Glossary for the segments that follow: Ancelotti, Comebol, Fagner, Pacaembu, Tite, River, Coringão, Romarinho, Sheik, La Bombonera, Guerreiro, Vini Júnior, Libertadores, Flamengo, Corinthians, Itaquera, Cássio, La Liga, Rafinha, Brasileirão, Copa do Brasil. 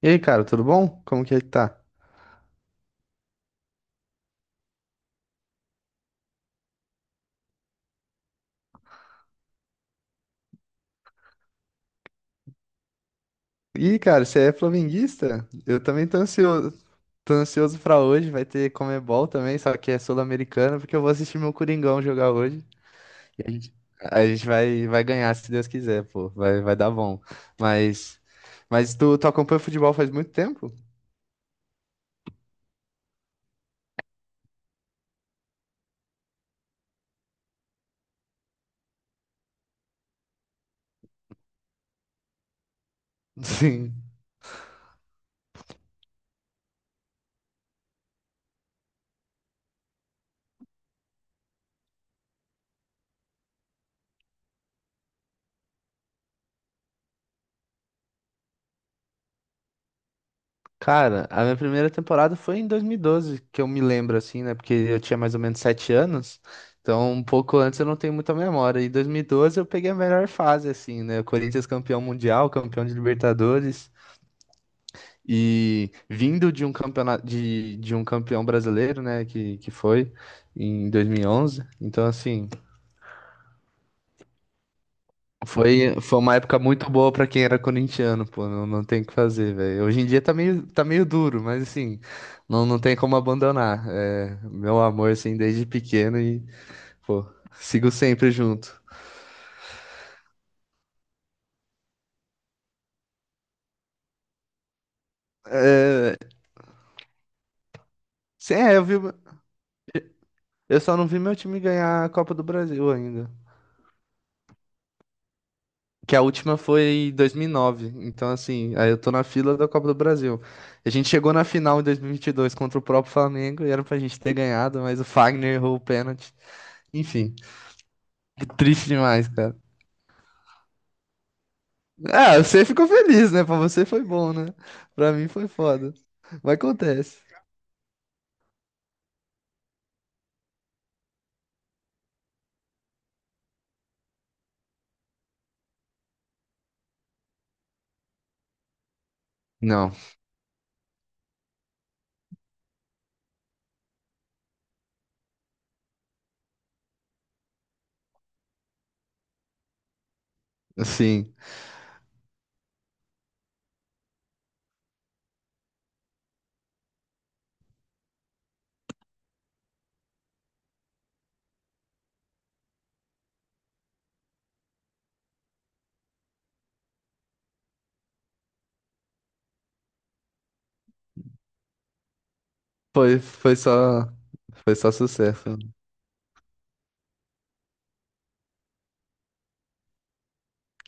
E aí, cara, tudo bom? Como que é que tá? Ih, cara, você é flamenguista? Eu também tô ansioso. Tô ansioso pra hoje, vai ter Comebol também, só que é sul-americano, porque eu vou assistir meu Coringão jogar hoje. E a gente, a gente vai, ganhar, se Deus quiser, pô. Vai, dar bom. Mas, mas tu acompanha futebol faz muito tempo? Sim. Cara, a minha primeira temporada foi em 2012, que eu me lembro assim, né? Porque eu tinha mais ou menos 7 anos, então um pouco antes eu não tenho muita memória. E 2012 eu peguei a melhor fase, assim, né? O Corinthians campeão mundial, campeão de Libertadores, e vindo de um campeonato de um campeão brasileiro, né? Que foi em 2011. Então, assim. Foi uma época muito boa pra quem era corintiano, pô, não tem o que fazer, velho. Hoje em dia tá tá meio duro, mas assim, não tem como abandonar. É, meu amor, assim, desde pequeno e, pô, sigo sempre junto. É, sim, é, eu vi, eu só não vi meu time ganhar a Copa do Brasil ainda. Que a última foi em 2009, então assim, aí eu tô na fila da Copa do Brasil. A gente chegou na final em 2022 contra o próprio Flamengo e era pra gente ter ganhado, mas o Fagner errou o pênalti. Enfim. Triste demais, cara. Ah, você ficou feliz, né? Pra você foi bom, né? Pra mim foi foda. Mas acontece. Não, assim, foi, foi só, foi só sucesso.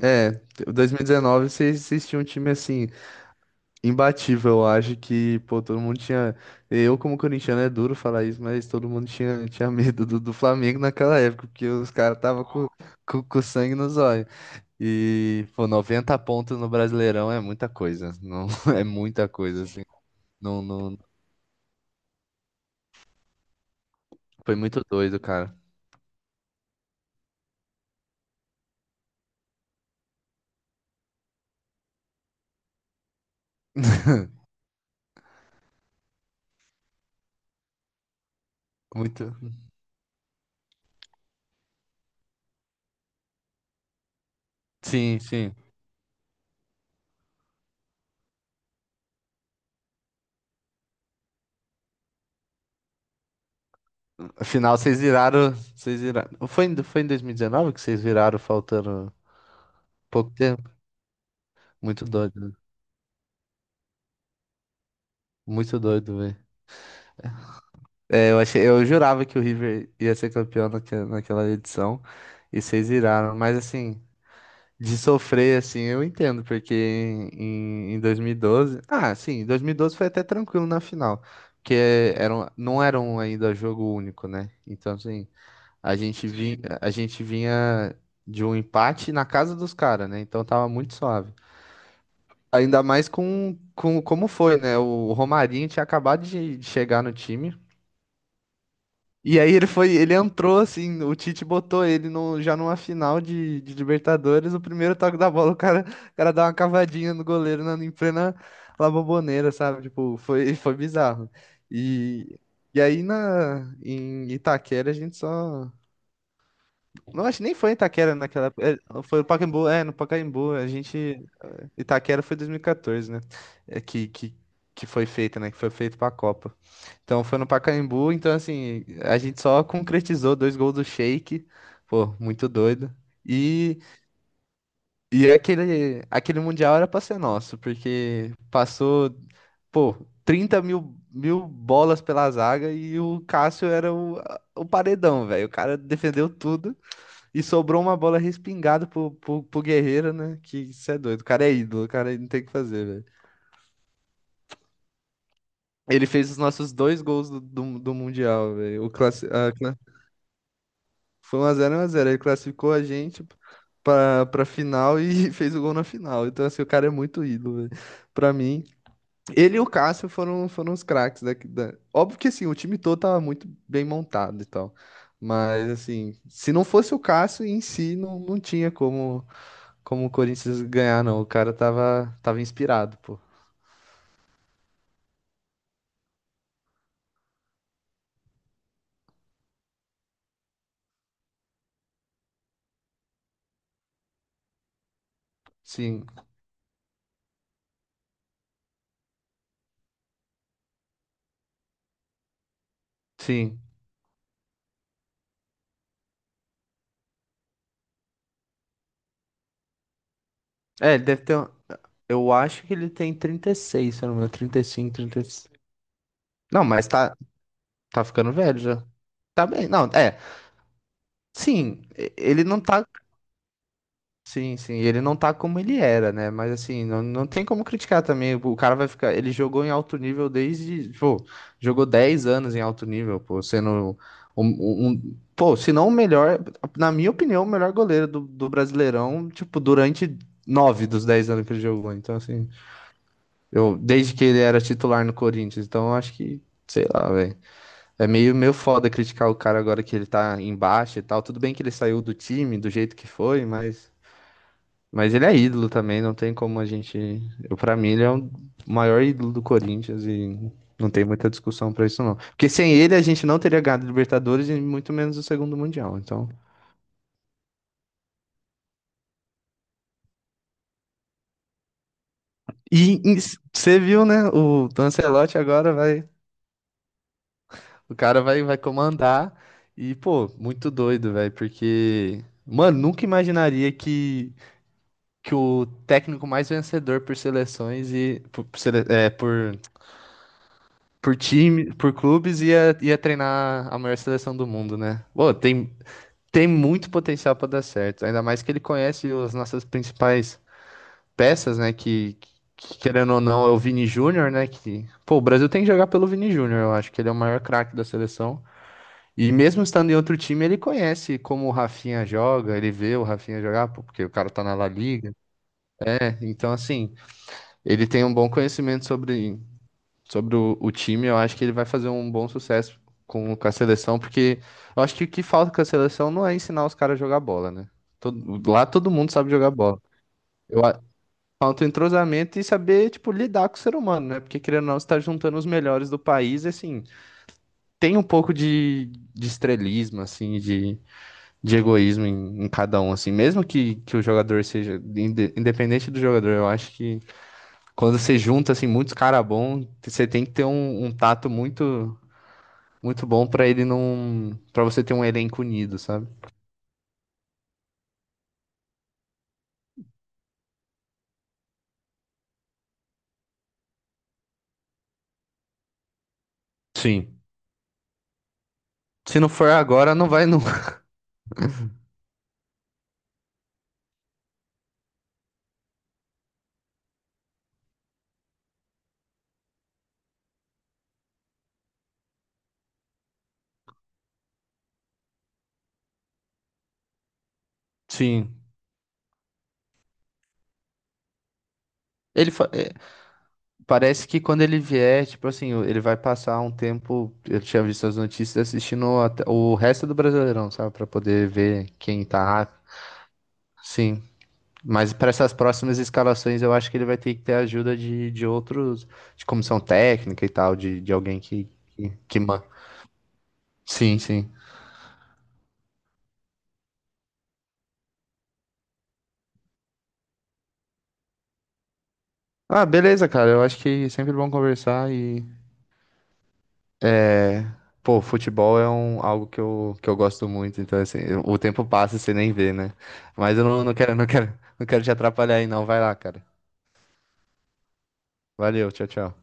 É, 2019 vocês tinham um time assim, imbatível, eu acho que, pô, todo mundo tinha. Eu, como corintiano, é duro falar isso, mas todo mundo tinha medo do Flamengo naquela época, porque os caras tava com sangue nos olhos. E, pô, 90 pontos no Brasileirão é muita coisa. Não, é muita coisa. Assim. Não, não, foi muito doido, cara. Muito. Sim, sim. Afinal, vocês viraram. Foi em 2019 que vocês viraram faltando pouco tempo? Muito doido, né? Muito doido, velho. É, eu achei, eu jurava que o River ia ser campeão naquela edição e vocês viraram, mas assim, de sofrer assim, eu entendo, porque em 2012, ah, sim, em 2012 foi até tranquilo na final, porque não era um ainda jogo único, né? Então, assim, a gente vinha de um empate na casa dos caras, né? Então tava muito suave. Ainda mais com como foi, né? O Romarinho tinha acabado de chegar no time. E aí ele entrou assim, o Tite botou ele no, já numa final de Libertadores, o primeiro toque da bola, o cara dá uma cavadinha no goleiro na, em plena La Bombonera, sabe? Tipo, foi bizarro. E, em Itaquera a gente só não, acho que nem foi em Itaquera naquela. É, foi no Pacaembu, é, no Pacaembu. A gente. Itaquera foi 2014, né? É, que foi feita, né? Que foi feito pra Copa. Então foi no Pacaembu, então assim, a gente só concretizou dois gols do Sheik. Pô, muito doido. E, aquele Mundial era pra ser nosso, porque passou, pô, 30 mil, mil bolas pela zaga e o Cássio era o paredão, velho. O cara defendeu tudo. E sobrou uma bola respingada pro Guerreiro, né? Que isso é doido. O cara é ídolo, o cara não tem o que fazer, velho. Ele fez os nossos dois gols do Mundial, velho. O classi... a cla- foi um a zero é um a zero. Ele classificou a gente pra final e fez o gol na final. Então, assim, o cara é muito ídolo, velho. Pra mim. Ele e o Cássio foram os craques daqui da... Óbvio que, assim, o time todo tava muito bem montado e tal. Mas, assim, se não fosse o Cássio em si, não tinha como como o Corinthians ganhar, não. O cara tava inspirado, pô. Sim, sim. É, ele deve ter. Um- eu acho que ele tem 36, se eu não me engano, trinta e cinco, trinta e seis. Não, mas tá, tá ficando velho já. Tá bem. Não, é. Sim, e- ele não tá sim, sim, ele não tá como ele era, né? Mas assim, não tem como criticar também. O cara vai ficar. Ele jogou em alto nível desde. Pô, jogou 10 anos em alto nível, pô, sendo pô, se não o melhor, na minha opinião, o melhor goleiro do Brasileirão, tipo, durante 9 dos 10 anos que ele jogou. Então, assim, eu, desde que ele era titular no Corinthians, então eu acho que, sei lá, velho. É meio foda criticar o cara agora que ele tá embaixo e tal. Tudo bem que ele saiu do time, do jeito que foi, mas. Mas ele é ídolo também, não tem como a gente. Eu, pra mim, ele é o maior ídolo do Corinthians e não tem muita discussão pra isso, não. Porque sem ele a gente não teria ganhado Libertadores e muito menos o segundo Mundial. Então. E você viu, né? O Ancelotti agora vai. O cara vai, comandar. E, pô, muito doido, velho. Porque. Mano, nunca imaginaria que o técnico mais vencedor por seleções e. Por por por clubes, ia, treinar a maior seleção do mundo, né? Pô, tem, tem muito potencial para dar certo. Ainda mais que ele conhece as nossas principais peças, né? Que, querendo ou não, é o Vini Júnior, né? Que, pô, o Brasil tem que jogar pelo Vini Júnior, eu acho que ele é o maior craque da seleção. E mesmo estando em outro time, ele conhece como o Rafinha joga, ele vê o Rafinha jogar, pô, porque o cara tá na La Liga, né? Então, assim, ele tem um bom conhecimento sobre o time, eu acho que ele vai fazer um bom sucesso com a seleção, porque eu acho que o que falta com a seleção não é ensinar os caras a jogar bola, né? Todo- lá todo mundo sabe jogar bola. Eu, a- falta o entrosamento e saber, tipo, lidar com o ser humano, né? Porque querendo ou não, você tá juntando os melhores do país, e, assim, tem um pouco de estrelismo, assim, de egoísmo em cada um, assim. Mesmo que o jogador seja, inde- independente do jogador, eu acho que quando você junta, assim, muitos caras bons, você tem que ter um tato muito bom pra ele não, pra você ter um elenco unido, sabe? Sim. Se não for agora, não vai nunca. Sim. Ele fa- é, parece que quando ele vier, tipo assim, ele vai passar um tempo, eu tinha visto as notícias assistindo até o resto do Brasileirão, sabe, pra poder ver quem tá. Sim. Mas para essas próximas escalações, eu acho que ele vai ter que ter ajuda de outros, de comissão técnica e tal, de alguém que man- sim, sim. Ah, beleza, cara. Eu acho que é sempre bom conversar e é, pô, futebol é um, algo que eu gosto muito, então assim, eu- o tempo passa e você nem vê, né? Mas eu não quero te atrapalhar aí, não. Vai lá, cara. Valeu, tchau, tchau.